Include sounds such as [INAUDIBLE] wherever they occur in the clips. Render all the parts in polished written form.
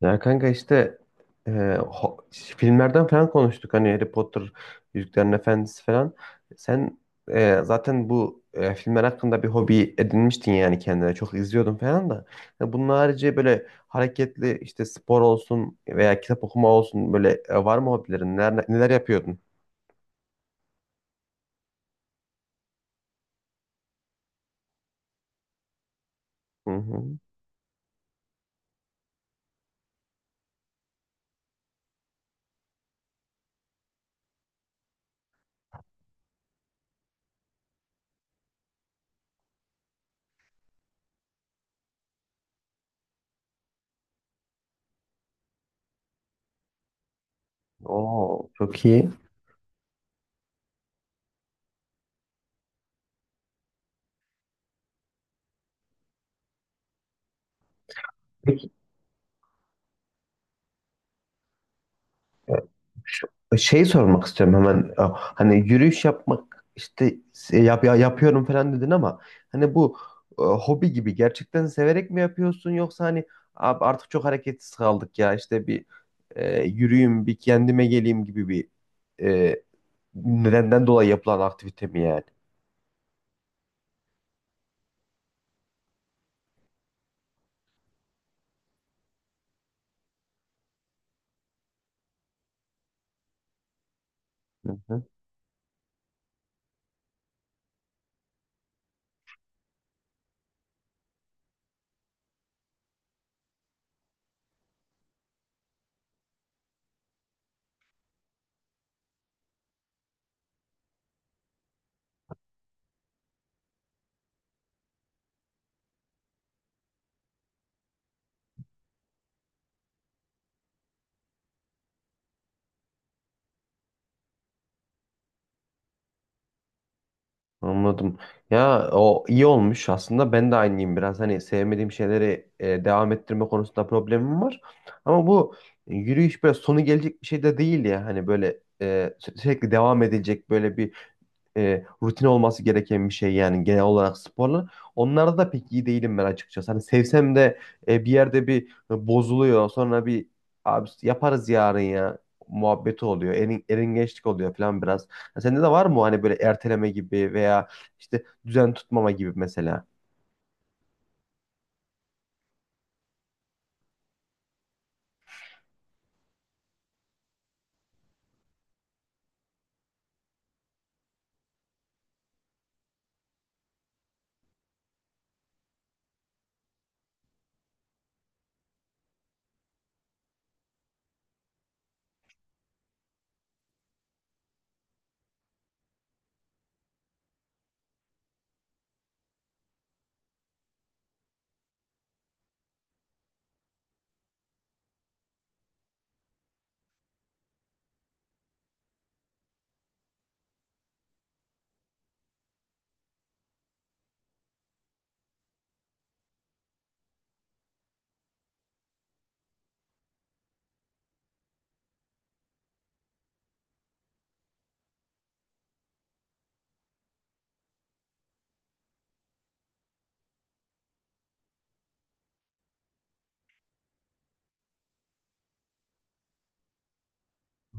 Ya kanka işte e, ho- filmlerden falan konuştuk hani Harry Potter, Yüzüklerin Efendisi falan. Sen zaten bu filmler hakkında bir hobi edinmiştin yani kendine çok izliyordun falan da. Ya bunun harici böyle hareketli işte spor olsun veya kitap okuma olsun böyle var mı hobilerin? Neler, neler yapıyordun? Hı hı. Oo, çok iyi. Şu- Şey sormak istiyorum hemen. Ya, hani yürüyüş yapmak işte yapıyorum falan dedin ama hani bu hobi gibi gerçekten severek mi yapıyorsun, yoksa hani "Abi artık çok hareketsiz kaldık ya, işte bir yürüyeyim, bir kendime geleyim" gibi bir e, nedenden dolayı yapılan aktivite mi yani? Anladım. Ya o iyi olmuş aslında. Ben de aynıyım biraz. Hani sevmediğim şeyleri devam ettirme konusunda problemim var. Ama bu yürüyüş böyle sonu gelecek bir şey de değil ya. Hani böyle e, sürekli devam edilecek böyle bir rutin olması gereken bir şey yani, genel olarak sporla. Onlarda da pek iyi değilim ben açıkçası. Hani sevsem de bir yerde bir bozuluyor. Sonra bir "abi yaparız yarın ya" muhabbeti oluyor. Eringeçlik oluyor falan biraz. Ya sende de var mı hani böyle erteleme gibi veya işte düzen tutmama gibi mesela?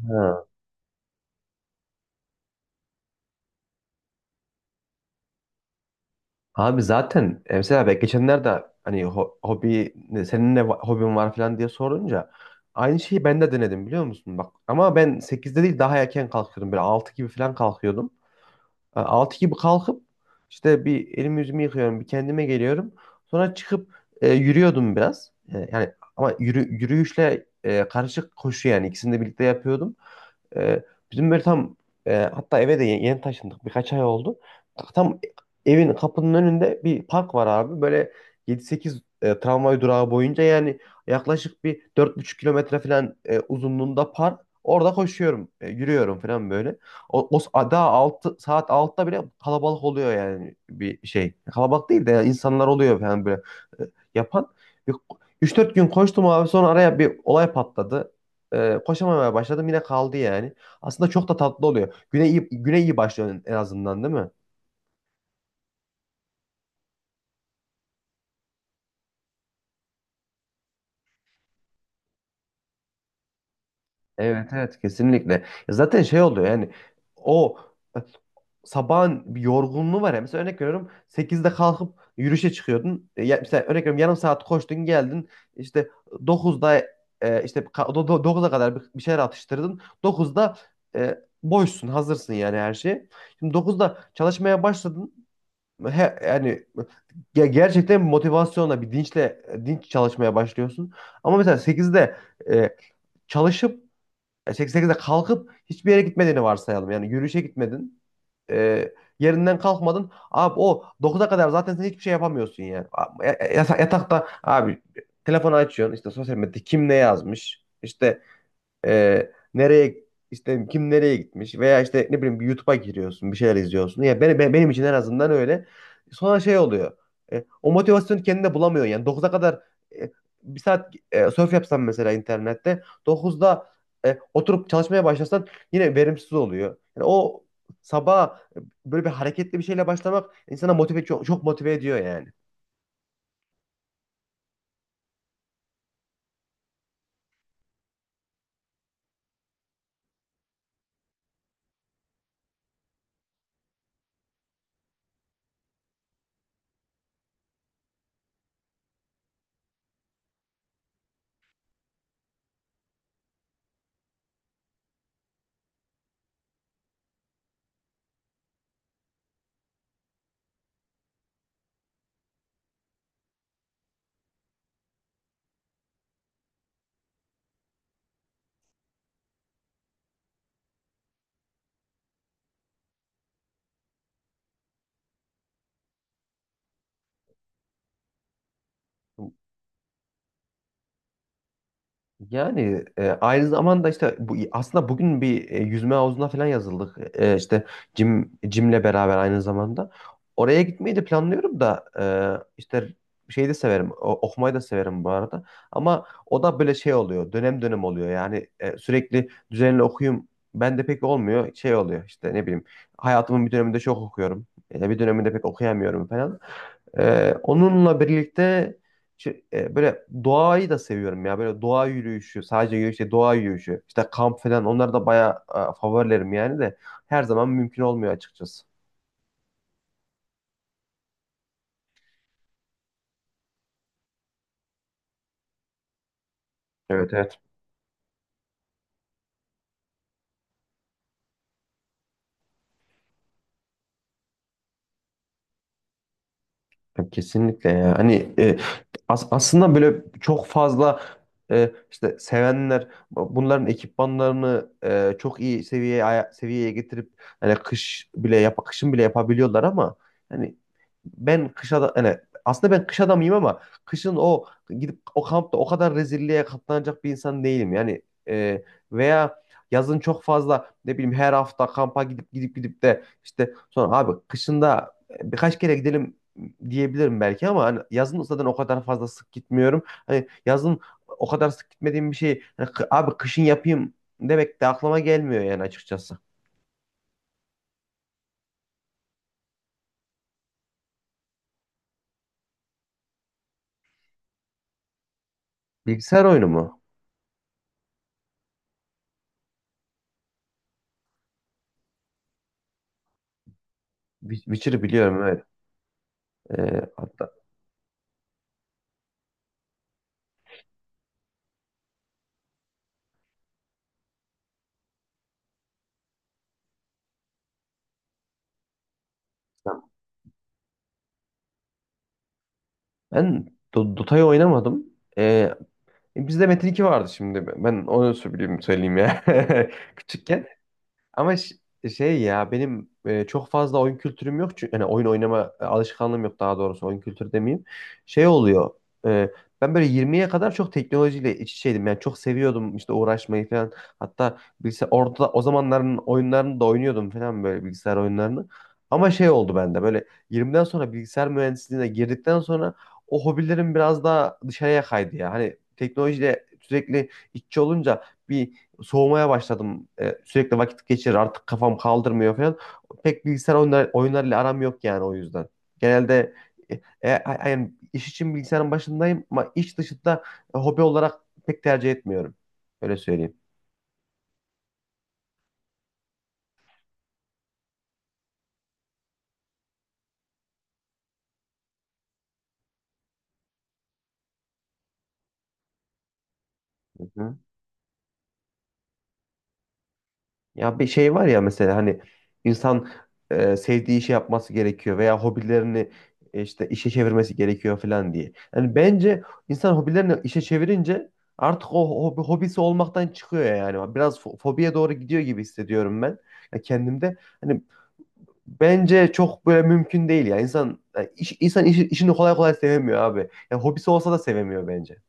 Ha. Abi zaten mesela ben geçenlerde hani hobi senin hobin var falan diye sorunca aynı şeyi ben de denedim, biliyor musun? Bak ama ben sekizde değil, daha erken kalkıyordum. Böyle 6 gibi falan kalkıyordum. 6 gibi kalkıp işte bir elimi yüzümü yıkıyorum, bir kendime geliyorum. Sonra çıkıp yürüyordum biraz. Yani ama yürüyüşle karışık koşu, yani ikisini de birlikte yapıyordum. Ee, bizim böyle tam hatta eve de yeni taşındık. Birkaç ay oldu. Tam evin kapının önünde bir park var abi. Böyle yedi sekiz tramvay durağı boyunca, yani yaklaşık bir 4,5 kilometre falan uzunluğunda park. Orada koşuyorum, yürüyorum falan böyle. O daha 6 saat 6'da bile kalabalık oluyor yani, bir şey. Kalabalık değil de yani insanlar oluyor falan böyle e, yapan. Bir 3-4 gün koştum abi, sonra araya bir olay patladı, koşamamaya başladım, yine kaldı yani. Aslında çok da tatlı oluyor. Güne iyi başlıyorsun en azından, değil mi? Evet, evet, kesinlikle. Ya zaten şey oluyor yani, o e, sabahın bir yorgunluğu var ya. Mesela örnek veriyorum, sekizde kalkıp yürüyüşe çıkıyordun. Ya, mesela örnek veriyorum, yarım saat koştun geldin. İşte dokuzda işte 9'a kadar bir şeyler atıştırdın. Dokuzda boşsun, hazırsın yani her şeye. Şimdi dokuzda çalışmaya başladın. Yani gerçekten motivasyonla, bir dinçle dinç çalışmaya başlıyorsun. Ama mesela sekizde e, çalışıp sekizde kalkıp hiçbir yere gitmediğini varsayalım. Yani yürüyüşe gitmedin. e, Yerinden kalkmadın. Abi o 9'a kadar zaten sen hiçbir şey yapamıyorsun yani. Yatakta abi telefonu açıyorsun. İşte sosyal medyada kim ne yazmış. İşte ee, nereye işte kim nereye gitmiş, veya işte ne bileyim bir YouTube'a giriyorsun, bir şeyler izliyorsun. Ya benim için en azından öyle. Sonra şey oluyor. O motivasyonu kendine bulamıyorsun yani, 9'a kadar e, bir saat surf yapsan mesela internette, dokuzda oturup çalışmaya başlasan yine verimsiz oluyor. Yani o sabah böyle bir hareketli bir şeyle başlamak insana çok, çok motive ediyor yani. Yani aynı zamanda işte bu, aslında bugün bir yüzme havuzuna falan yazıldık. İşte Jim'le beraber aynı zamanda. Oraya gitmeyi de planlıyorum da işte şeyi de severim. Okumayı da severim bu arada. Ama o da böyle şey oluyor. Dönem dönem oluyor. Yani sürekli düzenli okuyayım ben de pek olmuyor. Şey oluyor işte, ne bileyim. Hayatımın bir döneminde çok okuyorum. Bir döneminde pek okuyamıyorum falan. Onunla birlikte böyle doğayı da seviyorum ya. Böyle doğa yürüyüşü, sadece yürüyüş değil, doğa yürüyüşü. İşte kamp falan, onlar da bayağı favorilerim yani, de her zaman mümkün olmuyor açıkçası. Evet, evet. Ya, kesinlikle ya. Hani aslında böyle çok fazla işte sevenler bunların ekipmanlarını çok iyi seviyeye seviyeye getirip hani kışın bile yapabiliyorlar, ama hani ben kış adam hani aslında ben kış adamıyım, ama kışın o gidip o kampta o kadar rezilliğe katlanacak bir insan değilim. Yani e, veya yazın çok fazla ne bileyim, her hafta kampa gidip gidip gidip de işte sonra "abi kışında birkaç kere gidelim" diyebilirim belki, ama hani yazın zaten o kadar fazla sık gitmiyorum. Hani yazın o kadar sık gitmediğim bir şey hani, abi kışın yapayım demek de aklıma gelmiyor yani açıkçası. Bilgisayar oyunu mu? Witcher'ı biliyorum, evet. Hatta ben Dota'yı oynamadım. Ee, Bizde Metin 2 vardı şimdi. Ben onu söyleyeyim, söyleyeyim ya. [LAUGHS] Küçükken. Ama şey ya, benim çok fazla oyun kültürüm yok. Çünkü, yani oyun oynama alışkanlığım yok, daha doğrusu oyun kültürü demeyeyim. Şey oluyor. e, Ben böyle 20'ye kadar çok teknolojiyle iç içeydim. Yani çok seviyordum işte uğraşmayı falan. Hatta bilgisayar, orada o zamanların oyunlarını da oynuyordum falan, böyle bilgisayar oyunlarını. Ama şey oldu bende, böyle 20'den sonra bilgisayar mühendisliğine girdikten sonra o hobilerim biraz daha dışarıya kaydı ya. Hani teknolojiyle sürekli iççi olunca bir soğumaya başladım. Sürekli vakit geçirir, artık kafam kaldırmıyor falan. Pek bilgisayar oyunlarıyla aram yok yani, o yüzden. Genelde yani iş için bilgisayarın başındayım, ama iş dışında hobi olarak pek tercih etmiyorum. Öyle söyleyeyim. Ya bir şey var ya, mesela hani insan sevdiği işi yapması gerekiyor, veya hobilerini işte işe çevirmesi gerekiyor falan diye. Yani bence insan hobilerini işe çevirince artık o hobisi olmaktan çıkıyor yani. Biraz fobiye doğru gidiyor gibi hissediyorum ben ya, kendimde. Hani bence çok böyle mümkün değil ya. İnsan ya iş, insan işini kolay kolay sevemiyor abi. Ya hobisi olsa da sevemiyor bence.